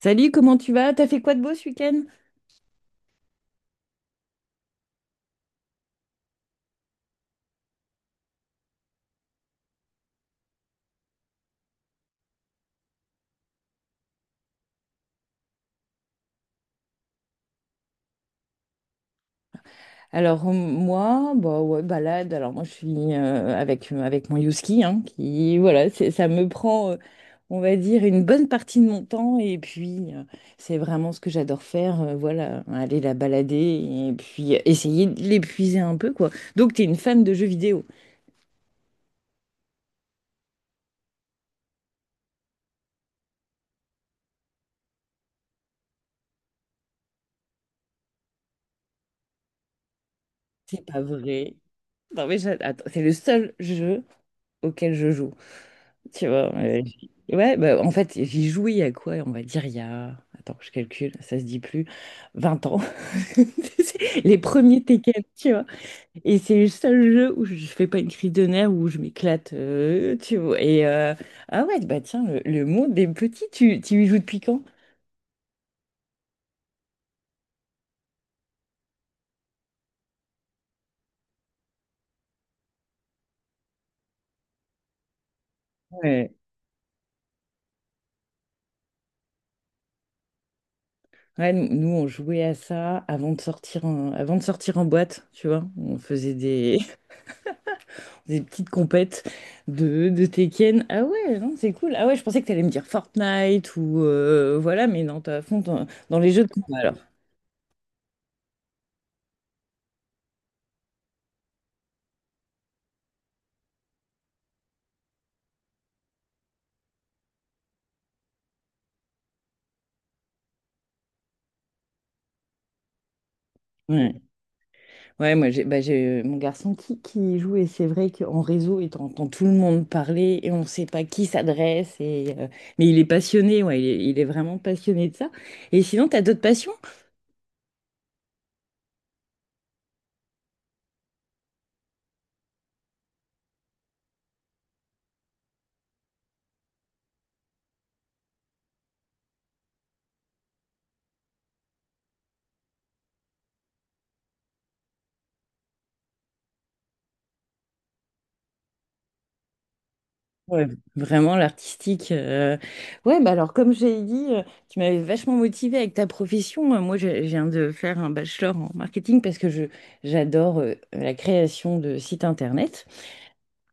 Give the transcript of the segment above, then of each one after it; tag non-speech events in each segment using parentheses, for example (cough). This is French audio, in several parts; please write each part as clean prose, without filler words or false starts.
Salut, comment tu vas? T'as fait quoi de beau ce week-end? Alors moi, bah ouais, balade. Alors moi, je suis avec avec mon Youski, hein, qui voilà, ça me prend, on va dire, une bonne partie de mon temps. Et puis, c'est vraiment ce que j'adore faire. Voilà, aller la balader et puis essayer de l'épuiser un peu, quoi. Donc, t'es une fan de jeux vidéo? C'est pas vrai. Non mais attends, c'est le seul jeu auquel je joue. Tu vois, ouais, bah, en fait, j'y jouais il y a quoi? On va dire il y a, attends, je calcule, ça se dit plus, 20 ans. (laughs) Les premiers Tekken, tu vois. Et c'est le seul jeu où je fais pas une crise de nerfs, où je m'éclate, tu vois. Et ah ouais, bah tiens, le monde des petits, tu y joues depuis quand? Ouais. Ouais, nous, on jouait à ça avant de sortir en, avant de sortir en boîte, tu vois. On faisait des petites compètes de Tekken. Ah ouais, non, c'est cool. Ah ouais, je pensais que t'allais me dire Fortnite ou voilà, mais non, t'as à fond dans, dans les jeux de combat alors. Ouais, ouais, moi j'ai bah, j'ai mon garçon qui joue et c'est vrai qu'en réseau, et entend tout le monde parler et on ne sait pas qui s'adresse. Et, mais il est passionné, ouais, il est vraiment passionné de ça. Et sinon, t'as d'autres passions? Ouais, vraiment l'artistique. Ouais, bah alors comme j'ai dit, tu m'avais vachement motivée avec ta profession. Moi, j'ai je viens de faire un bachelor en marketing parce que je j'adore la création de sites internet.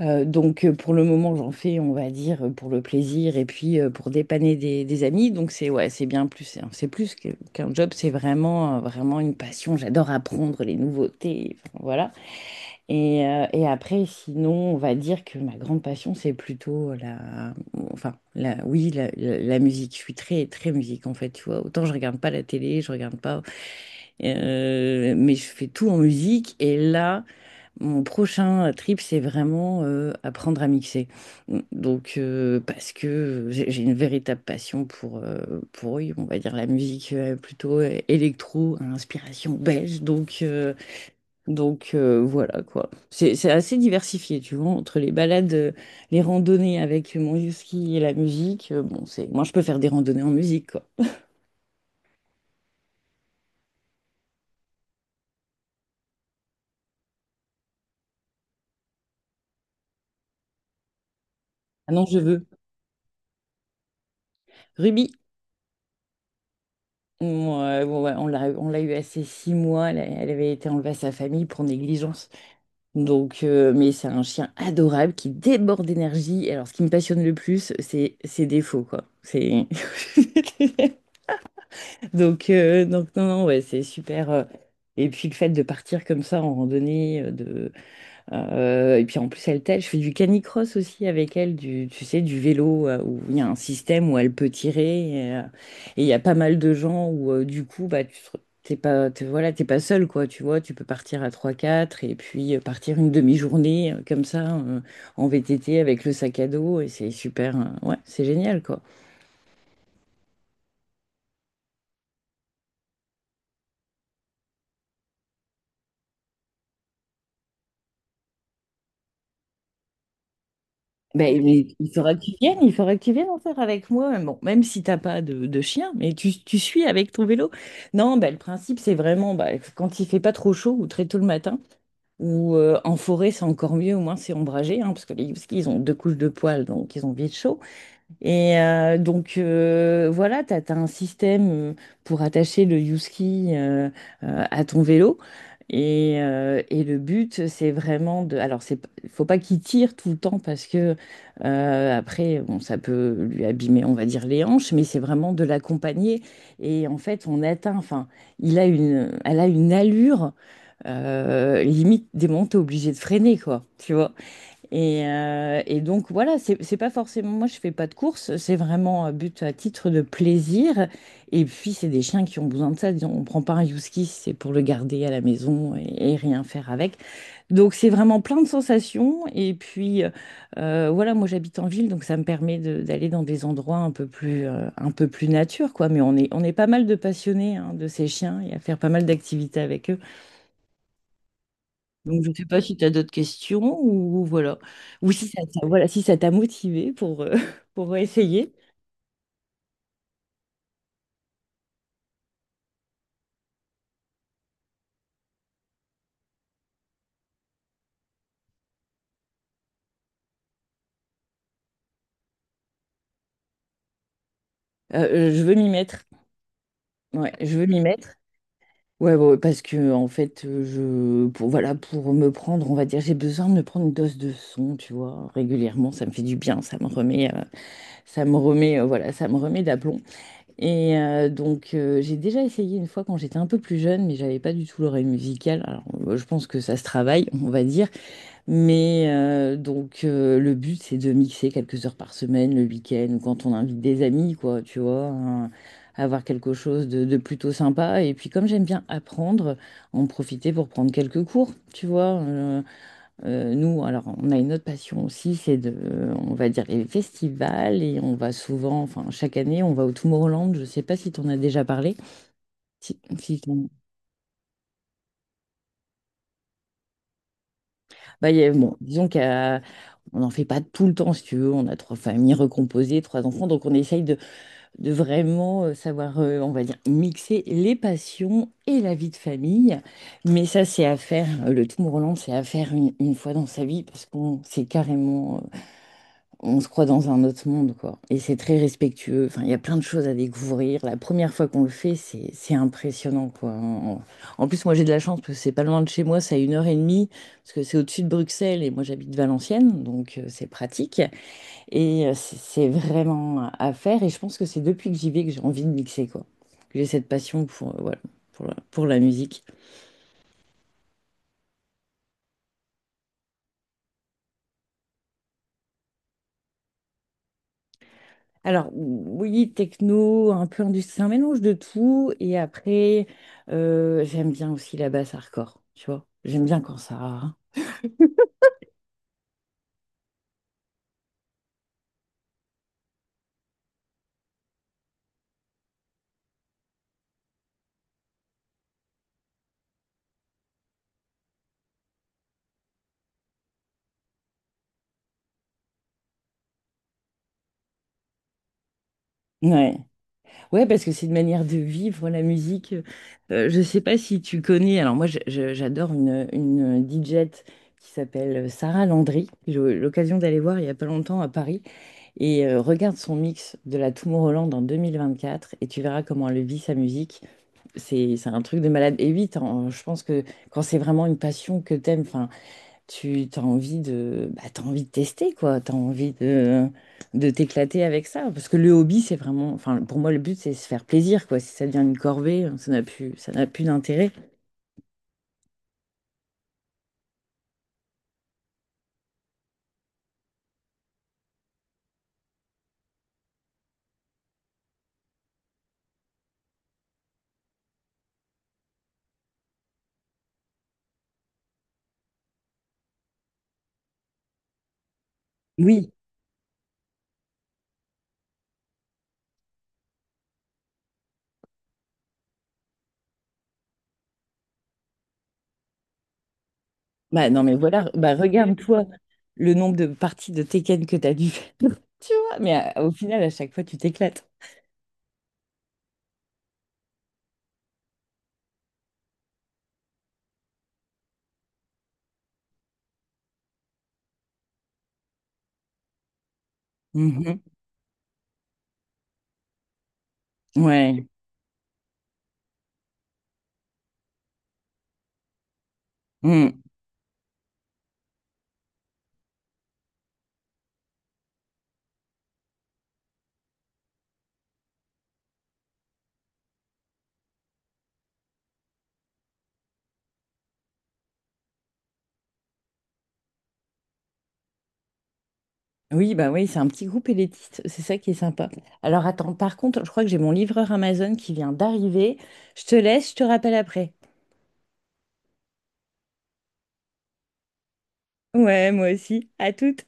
Donc pour le moment, j'en fais, on va dire, pour le plaisir et puis pour dépanner des amis. Donc c'est ouais, c'est bien plus, c'est plus qu'un job, c'est vraiment vraiment une passion. J'adore apprendre les nouveautés. Enfin, voilà. Et après, sinon, on va dire que ma grande passion, c'est plutôt enfin, oui, la musique. Je suis très, très musique, en fait, tu vois. Autant je regarde pas la télé, je regarde pas. Mais je fais tout en musique. Et là, mon prochain trip, c'est vraiment apprendre à mixer. Donc, parce que j'ai une véritable passion pour, oui, on va dire, la musique plutôt électro, à inspiration belge. Donc voilà quoi. C'est assez diversifié, tu vois, entre les balades, les randonnées avec mon ski et la musique. Bon, c'est moi je peux faire des randonnées en musique quoi. Ah non, je veux. Ruby, moi, bon, ouais, on l'a eu assez 6 mois. Elle, elle avait été enlevée à sa famille pour négligence. Donc, mais c'est un chien adorable qui déborde d'énergie. Et alors, ce qui me passionne le plus, c'est ses défauts quoi. C'est (laughs) donc, donc non, non, ouais, c'est super. Et puis le fait de partir comme ça en randonnée, et puis en plus elle t'aide. Je fais du canicross aussi avec elle, du, tu sais, du vélo où il y a un système où elle peut tirer. Et il y a pas mal de gens où du coup, bah, t'es pas, voilà, t'es pas seul, quoi. Tu vois, tu peux partir à 3, 4 et puis partir une demi-journée comme ça en VTT avec le sac à dos. Et c'est super. Ouais, c'est génial, quoi. Ben, mais il faudra que tu viennes, il faudra que tu viennes en faire avec moi. Bon, même si t'as pas de, de chien, mais tu suis avec ton vélo. Non, ben, le principe, c'est vraiment ben, quand il fait pas trop chaud ou très tôt le matin, ou en forêt, c'est encore mieux, au moins c'est ombragé, hein, parce que les huskies, ils ont 2 couches de poils, donc ils ont vite chaud. Et donc voilà, tu as, un système pour attacher le YouSki à ton vélo. Et le but, c'est vraiment de... Alors, faut pas qu'il tire tout le temps parce que après, bon, ça peut lui abîmer, on va dire, les hanches, mais c'est vraiment de l'accompagner. Et en fait, on atteint, enfin, elle a une allure, limite, des moments, t'es obligé de freiner, quoi, tu vois. Et donc voilà, c'est pas forcément, moi je fais pas de course, c'est vraiment un but à titre de plaisir. Et puis c'est des chiens qui ont besoin de ça, disons, on prend pas un husky, c'est pour le garder à la maison et rien faire avec. Donc c'est vraiment plein de sensations. Et puis voilà, moi j'habite en ville, donc ça me permet d'aller dans des endroits un peu plus nature, quoi. Mais on est pas mal de passionnés hein, de ces chiens et à faire pas mal d'activités avec eux. Donc, je ne sais pas si tu as d'autres questions ou voilà. Ou si ça t'a voilà, si ça t'a motivé pour, (laughs) pour essayer. Je veux m'y mettre. Ouais, je veux m'y mettre. Ouais, bon, parce que en fait, je pour voilà, pour me prendre, on va dire, j'ai besoin de me prendre une dose de son, tu vois, régulièrement, ça me fait du bien, ça me remet, voilà, ça me remet d'aplomb. Et donc, j'ai déjà essayé une fois quand j'étais un peu plus jeune, mais j'avais pas du tout l'oreille musicale. Alors, je pense que ça se travaille, on va dire. Mais donc le but c'est de mixer quelques heures par semaine, le week-end, ou quand on invite des amis, quoi, tu vois, hein, avoir quelque chose de plutôt sympa. Et puis comme j'aime bien apprendre, en profiter pour prendre quelques cours, tu vois. Nous, alors on a une autre passion aussi, c'est de, on va dire les festivals, et on va souvent, enfin chaque année, on va au Tomorrowland. Je sais pas si t'en as déjà parlé. Si, si. Bah, bon, disons qu'on n'en fait pas tout le temps, si tu veux. On a 3 familles recomposées, 3 enfants. Donc, on essaye de vraiment savoir, on va dire, mixer les passions et la vie de famille. Mais ça, c'est à faire. Le tout mourlant, c'est à faire une fois dans sa vie parce qu'on c'est carrément on se croit dans un autre monde, quoi. Et c'est très respectueux. Enfin, il y a plein de choses à découvrir. La première fois qu'on le fait, c'est impressionnant, quoi. En, en plus, moi, j'ai de la chance parce que c'est pas loin de chez moi, c'est à une heure et demie, parce que c'est au-dessus de Bruxelles et moi, j'habite Valenciennes, donc c'est pratique. Et c'est vraiment à faire. Et je pense que c'est depuis que j'y vais que j'ai envie de mixer, quoi. Que j'ai cette passion pour, voilà, pour pour la musique. Alors, oui, techno, un peu industrie, c'est un mélange de tout. Et après, j'aime bien aussi la basse hardcore, tu vois. J'aime bien quand ça. Ouais. Ouais, parce que c'est une manière de vivre la musique. Je sais pas si tu connais. Alors, moi, j'adore une DJ qui s'appelle Sarah Landry. J'ai eu l'occasion d'aller voir il y a pas longtemps à Paris. Et regarde son mix de la Tomorrowland en 2024 et tu verras comment elle vit sa musique. C'est un truc de malade. Et oui, je pense que quand c'est vraiment une passion que t'aimes, enfin, tu as envie de, bah, t'as envie de tester, quoi. T'as envie de t'éclater avec ça. Parce que le hobby, c'est vraiment, enfin, pour moi, le but, c'est se faire plaisir, quoi. Si ça devient une corvée, hein, ça n'a plus d'intérêt. Oui. Bah, non, mais voilà, bah, regarde-toi le nombre de parties de Tekken que t'as dû faire. (laughs) Tu vois, mais au final, à chaque fois, tu t'éclates. Mhm. Ouais. Mm. Oui, bah oui, c'est un petit groupe élitiste, c'est ça qui est sympa. Alors attends, par contre, je crois que j'ai mon livreur Amazon qui vient d'arriver. Je te laisse, je te rappelle après. Ouais, moi aussi. À toutes.